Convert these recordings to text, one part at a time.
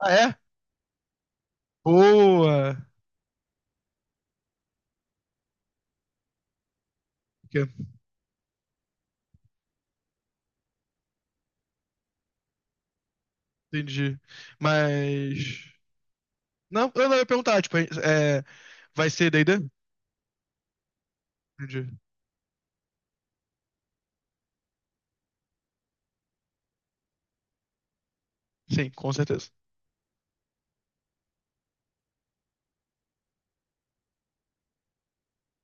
Ah, é? Boa! Que- Entendi. Mas. Não, eu não ia perguntar, tipo, vai ser D&D? Entendi. Sim, com certeza.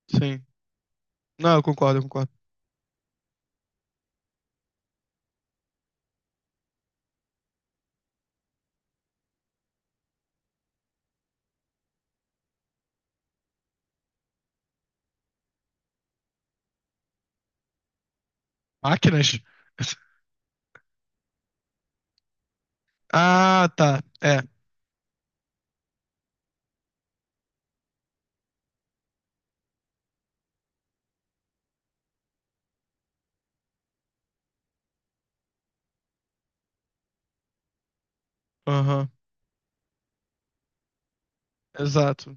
Sim. Não, eu concordo, eu concordo. Máquinas? Ah, tá. É. Aham. Exato.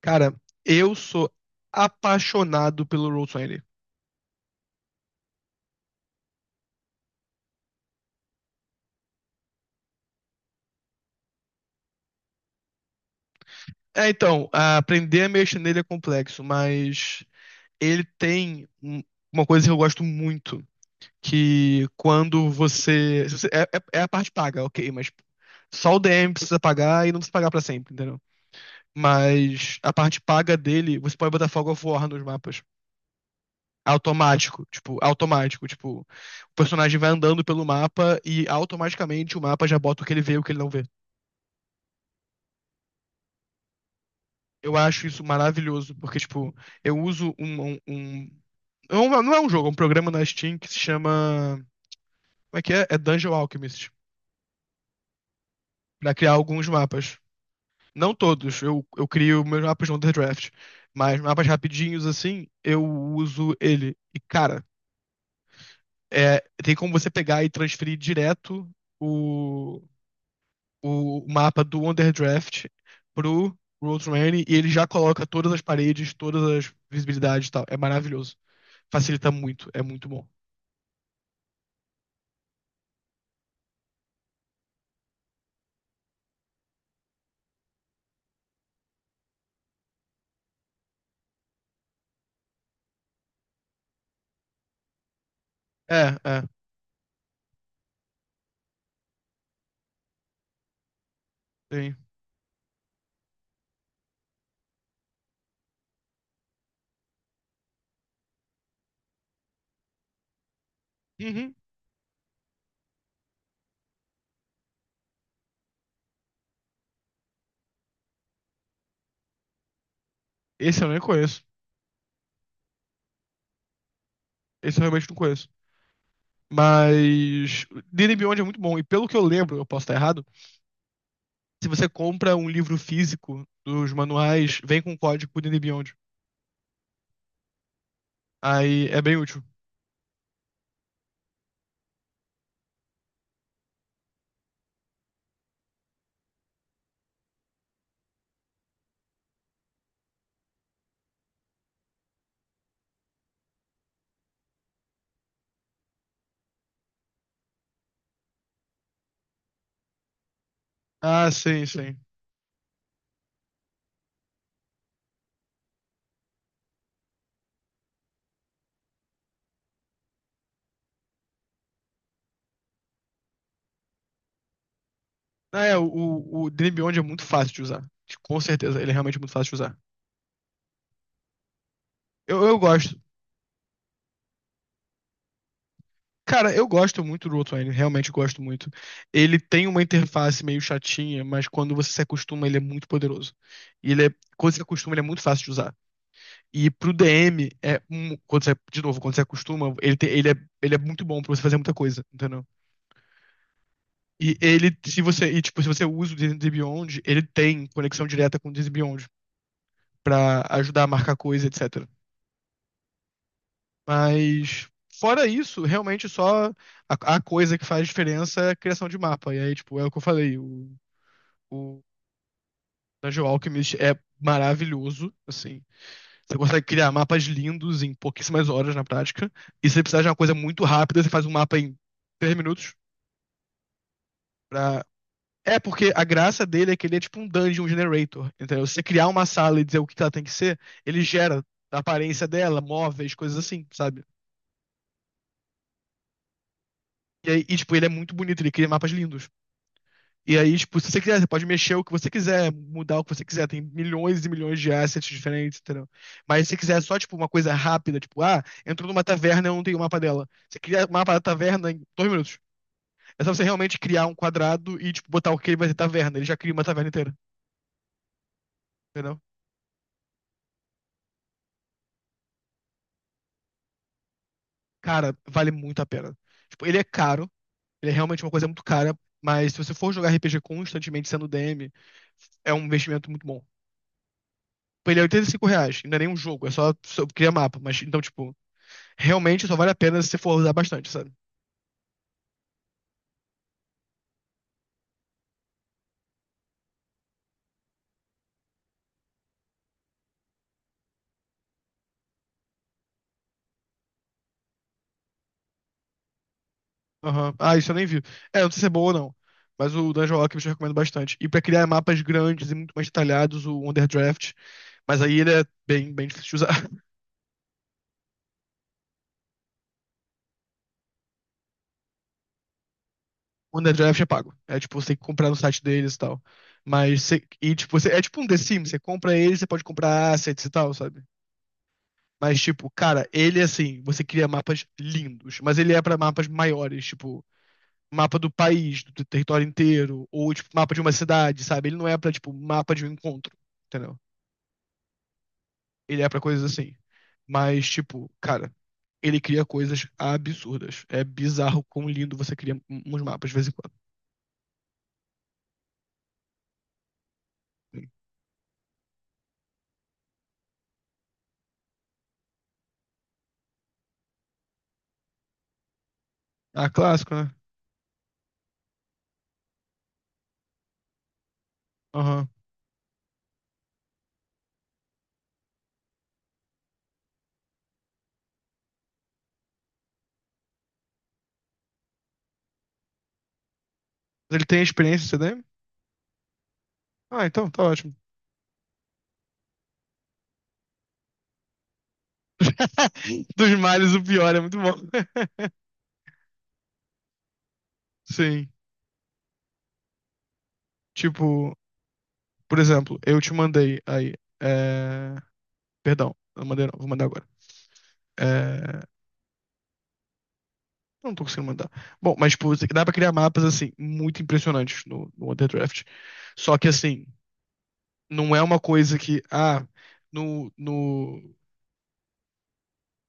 Cara, eu sou apaixonado pelo Roll20. É, então, aprender a mexer nele é complexo, mas ele tem uma coisa que eu gosto muito, que quando você. Se você- é, é- é a parte paga, ok, mas só o DM precisa pagar e não precisa pagar pra sempre, entendeu? Mas a parte paga dele, você pode botar Fog of War nos mapas. Automático, tipo, o personagem vai andando pelo mapa e automaticamente o mapa já bota o que ele vê e o que ele não vê. Eu acho isso maravilhoso, porque, tipo, eu uso não não é um jogo, é um programa na Steam que se chama. Como é que é? É Dungeon Alchemist. Pra criar alguns mapas. Não todos, eu crio meus mapas no Underdraft. Mas mapas rapidinhos, assim, eu uso ele. E, cara, é, tem como você pegar e transferir direto o, o mapa do Underdraft pro Road e ele já coloca todas as paredes, todas as visibilidades e tal. É maravilhoso. Facilita muito, é muito bom. É, é, tem. Uhum. Esse eu nem conheço. Esse eu realmente não conheço. Mas Disney Beyond é muito bom. E pelo que eu lembro, eu posso estar errado, se você compra um livro físico dos manuais, vem com um código pro Disney Beyond. Aí é bem útil. Ah, sim, sim. Ah, é, o Disney Beyond é muito fácil de usar. Com certeza, ele é realmente muito fácil de usar. Eu gosto. Cara, eu gosto muito do Outline, realmente gosto muito. Ele tem uma interface meio chatinha, mas quando você se acostuma, ele é muito poderoso. E ele é, quando você se acostuma, ele é muito fácil de usar. E pro DM, quando você, de novo, quando você acostuma, ele é muito bom pra você fazer muita coisa, entendeu? E ele, se você, e, tipo, se você usa o D&D Beyond, ele tem conexão direta com o D&D Beyond pra ajudar a marcar coisa, etc. Mas, fora isso, realmente só a coisa que faz diferença é a criação de mapa. E aí, tipo, é o que eu falei, o Dungeon Alchemist é maravilhoso, assim. Você consegue criar mapas lindos em pouquíssimas horas na prática. E se você precisar de uma coisa muito rápida, você faz um mapa em 3 minutos. Pra... É, porque a graça dele é que ele é tipo um dungeon generator. Entendeu? Se você criar uma sala e dizer o que ela tem que ser, ele gera a aparência dela, móveis, coisas assim, sabe? Tipo, ele é muito bonito, ele cria mapas lindos. E aí, tipo, se você quiser, você pode mexer o que você quiser, mudar o que você quiser. Tem milhões e milhões de assets diferentes, entendeu? Mas se você quiser só, tipo, uma coisa rápida, tipo, ah, entrou numa taverna, e eu não tenho o mapa dela. Você cria o mapa da taverna em 2 minutos. É só você realmente criar um quadrado e, tipo, botar o que ele vai ser taverna. Ele já cria uma taverna inteira, entendeu? Cara, vale muito a pena. Tipo, ele é caro, ele é realmente uma coisa muito cara, mas se você for jogar RPG constantemente sendo DM, é um investimento muito bom. Tipo, ele é R$ 85, não é nem um jogo, é só criar mapa, mas então, tipo. Realmente só vale a pena se você for usar bastante, sabe? Aham. Ah, isso eu nem vi. É, não sei se é boa ou não. Mas o Dungeon Alchemist eu recomendo bastante. E pra criar mapas grandes e muito mais detalhados, o Underdraft. Mas aí ele é bem, bem difícil de usar. O Underdraft é pago. É tipo, você tem que comprar no site deles e tal. Mas você. E tipo, você, é tipo um The Sims. Você compra ele, você pode comprar assets e tal, sabe? Mas tipo, cara, ele assim, você cria mapas lindos. Mas ele é pra mapas maiores. Tipo, mapa do país, do território inteiro, ou tipo, mapa de uma cidade, sabe? Ele não é pra, tipo, mapa de um encontro, entendeu? Ele é pra coisas assim. Mas, tipo, cara, ele cria coisas absurdas. É bizarro quão lindo você cria uns mapas de vez em quando. Ah, clássico, né? Aham. Mas ele tem experiência em CDM? Ah, então tá ótimo. Dos males, o pior é muito bom. Sim. Tipo, por exemplo, eu te mandei aí. é, Perdão, eu mandei não, vou mandar agora. É, eu não tô conseguindo mandar. Bom, mas, tipo, dá pra criar mapas, assim, muito impressionantes no Underdraft. Só que, assim, não é uma coisa que, ah, no, no...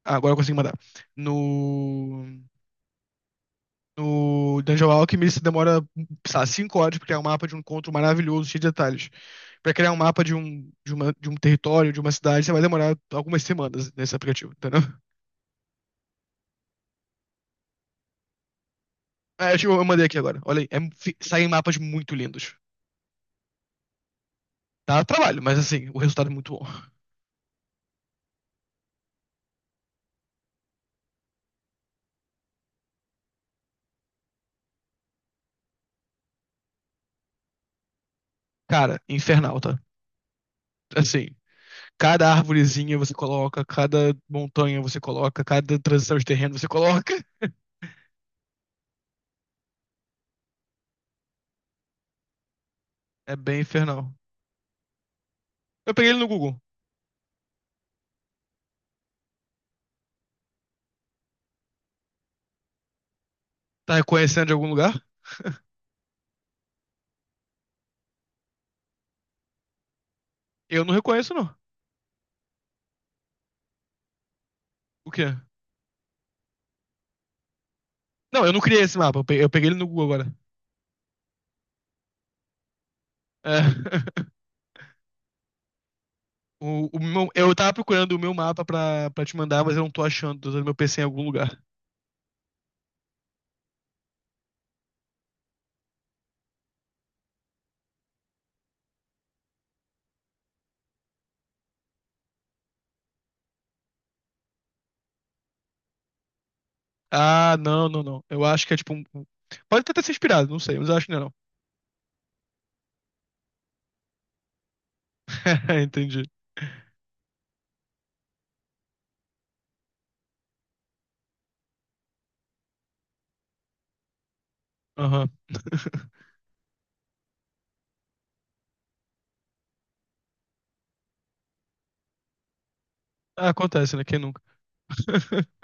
Ah, agora eu consigo mandar. No... No Dungeon Alchemy, você demora, sei lá, 5 horas pra criar um mapa de um encontro maravilhoso, cheio de detalhes. Pra criar um mapa de um território, de uma cidade, você vai demorar algumas semanas nesse aplicativo, entendeu? É, acho que eu mandei aqui agora. Olha aí, saem mapas muito lindos. Dá trabalho, mas, assim, o resultado é muito bom. Cara, infernal, tá? Assim, cada árvorezinha você coloca, cada montanha você coloca, cada transição de terreno você coloca. É bem infernal. Eu peguei ele no Google. Tá reconhecendo de algum lugar? Eu não reconheço, não. O quê? Não, eu não criei esse mapa. Eu peguei ele no Google agora. É. Eu tava procurando o meu mapa pra te mandar, mas eu não tô achando. Tô usando meu PC em algum lugar. Ah, não, não, não. Eu acho que é tipo Pode até ter se inspirado, não sei, mas eu acho que não. é não. Entendi. Aham. Ah, acontece, né? Quem nunca?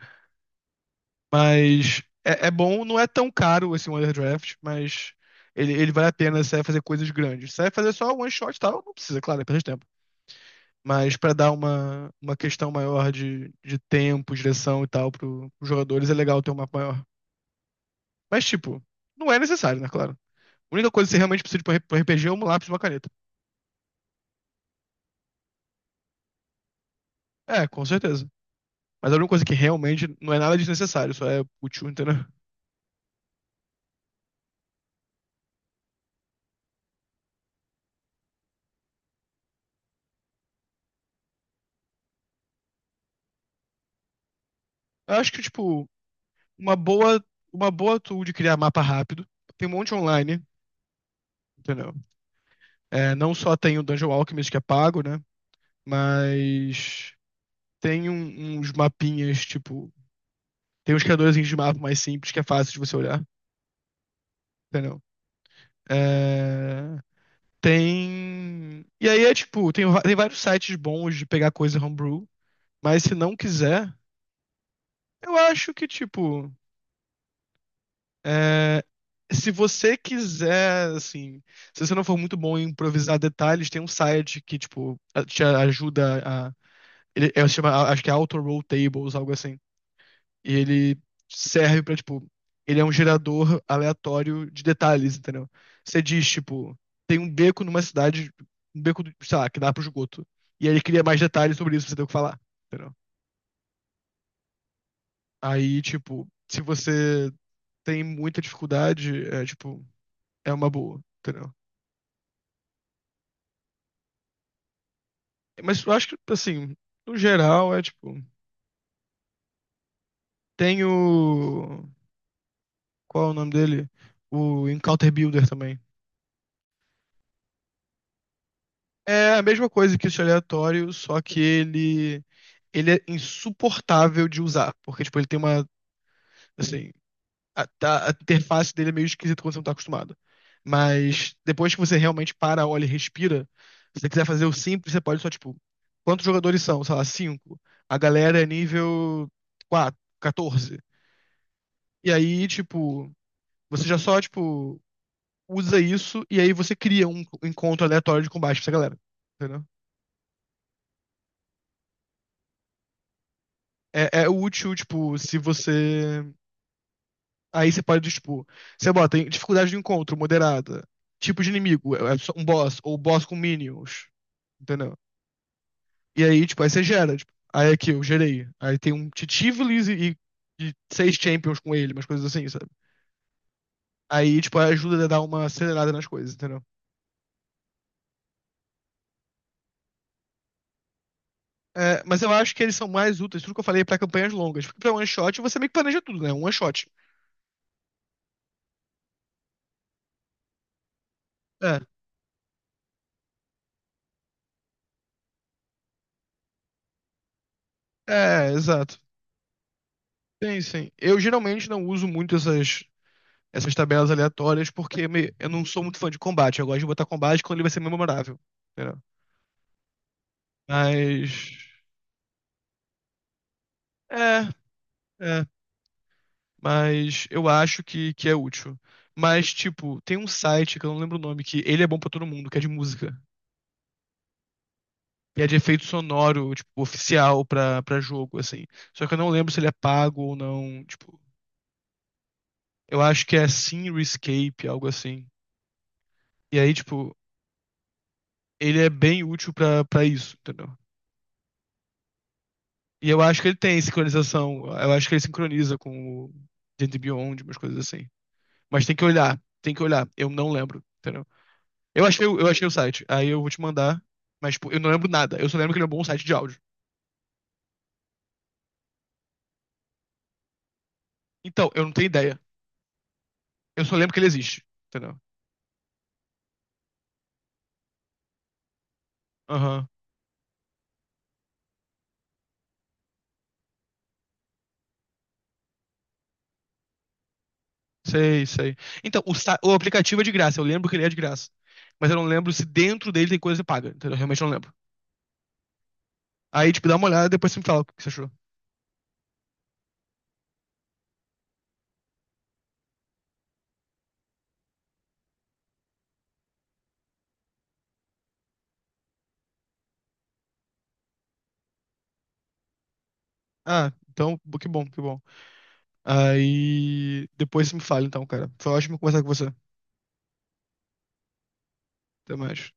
Mas é, é bom, não é tão caro esse Wonder Draft, mas ele vale a pena se você vai fazer coisas grandes. Se você vai fazer só one shot e tal, não precisa, claro, é perda de tempo. Mas pra dar uma questão maior de tempo, direção e tal pros jogadores, é legal ter um mapa maior. Mas, tipo, não é necessário, né, claro. A única coisa que você realmente precisa de um RPG é um lápis e uma caneta. É, com certeza. Mas a única coisa que realmente não é nada desnecessário, só é útil, entendeu? Eu acho que, tipo, uma boa, uma boa tool de criar mapa rápido. Tem um monte online. Entendeu? É, não só tem o Dungeon Alchemist que é pago, né? Mas tem uns mapinhas, tipo. Tem uns criadores de mapa mais simples que é fácil de você olhar, entendeu? É, tem. E aí é tipo, tem vários sites bons de pegar coisa homebrew, mas se não quiser, eu acho que, tipo. é, Se você quiser, assim, se você não for muito bom em improvisar detalhes, tem um site que, tipo, te ajuda a Se chama, acho que é Auto Roll Tables, algo assim. E ele serve pra, tipo, ele é um gerador aleatório de detalhes, entendeu? Você diz, tipo, tem um beco numa cidade, um beco, sei lá, que dá pro esgoto. E aí ele cria mais detalhes sobre isso pra você ter o que falar, entendeu? Aí, tipo, se você tem muita dificuldade, é, tipo, é uma boa, entendeu? Mas eu acho que, assim, no geral, é, tipo, tem o... Qual é o nome dele? O Encounter Builder também. É a mesma coisa que esse aleatório, só que ele é insuportável de usar, porque tipo ele tem uma assim a, tá- a interface dele é meio esquisita quando você não tá acostumado. Mas depois que você realmente para, olha e respira, se você quiser fazer o simples, você pode só tipo quantos jogadores são? Sei lá, cinco. A galera é nível 4, 14. E aí tipo você já só tipo usa isso e aí você cria um encontro aleatório de combate pra essa galera. Entendeu? É útil, tipo, se você. Aí você pode, tipo, você bota em dificuldade de encontro moderada, tipo de inimigo, é só um boss, ou boss com minions, entendeu? E aí, tipo, aí você gera, tipo, aí aqui eu gerei. Aí tem um Titivilis e seis champions com ele, umas coisas assim, sabe? Aí, tipo, ajuda a dar uma acelerada nas coisas, entendeu? É, mas eu acho que eles são mais úteis, tudo que eu falei, é pra campanhas longas. Porque pra one shot você meio que planeja tudo, né? Um one shot. É, é, exato. Sim, sim. Eu geralmente não uso muito essas tabelas aleatórias, porque eu não sou muito fã de combate. Eu gosto de botar combate quando ele vai ser memorável. Entendeu? Mas. É, é. Mas eu acho que é útil. Mas, tipo, tem um site que eu não lembro o nome, que ele é bom pra todo mundo, que é de música. E é de efeito sonoro, tipo, oficial pra jogo, assim. Só que eu não lembro se ele é pago ou não. Tipo, eu acho que é Scenery Escape, algo assim. E aí, tipo, ele é bem útil pra isso, entendeu? E eu acho que ele tem sincronização. Eu acho que ele sincroniza com o Gente Beyond, umas coisas assim. Mas tem que olhar, tem que olhar. Eu não lembro, entendeu? Eu achei o site, aí eu vou te mandar. Mas, tipo, eu não lembro nada. Eu só lembro que ele é um bom site de áudio. Então, eu não tenho ideia. Eu só lembro que ele existe, entendeu? Aham, sei, sei. Então, o aplicativo é de graça. Eu lembro que ele é de graça. Mas eu não lembro se dentro dele tem coisa que paga, entendeu? Eu realmente não lembro. Aí, tipo, dá uma olhada e depois você me fala o que você achou. Ah, então, que bom, que bom. Aí depois você me fala então, cara. Foi ótimo conversar com você. Até mais.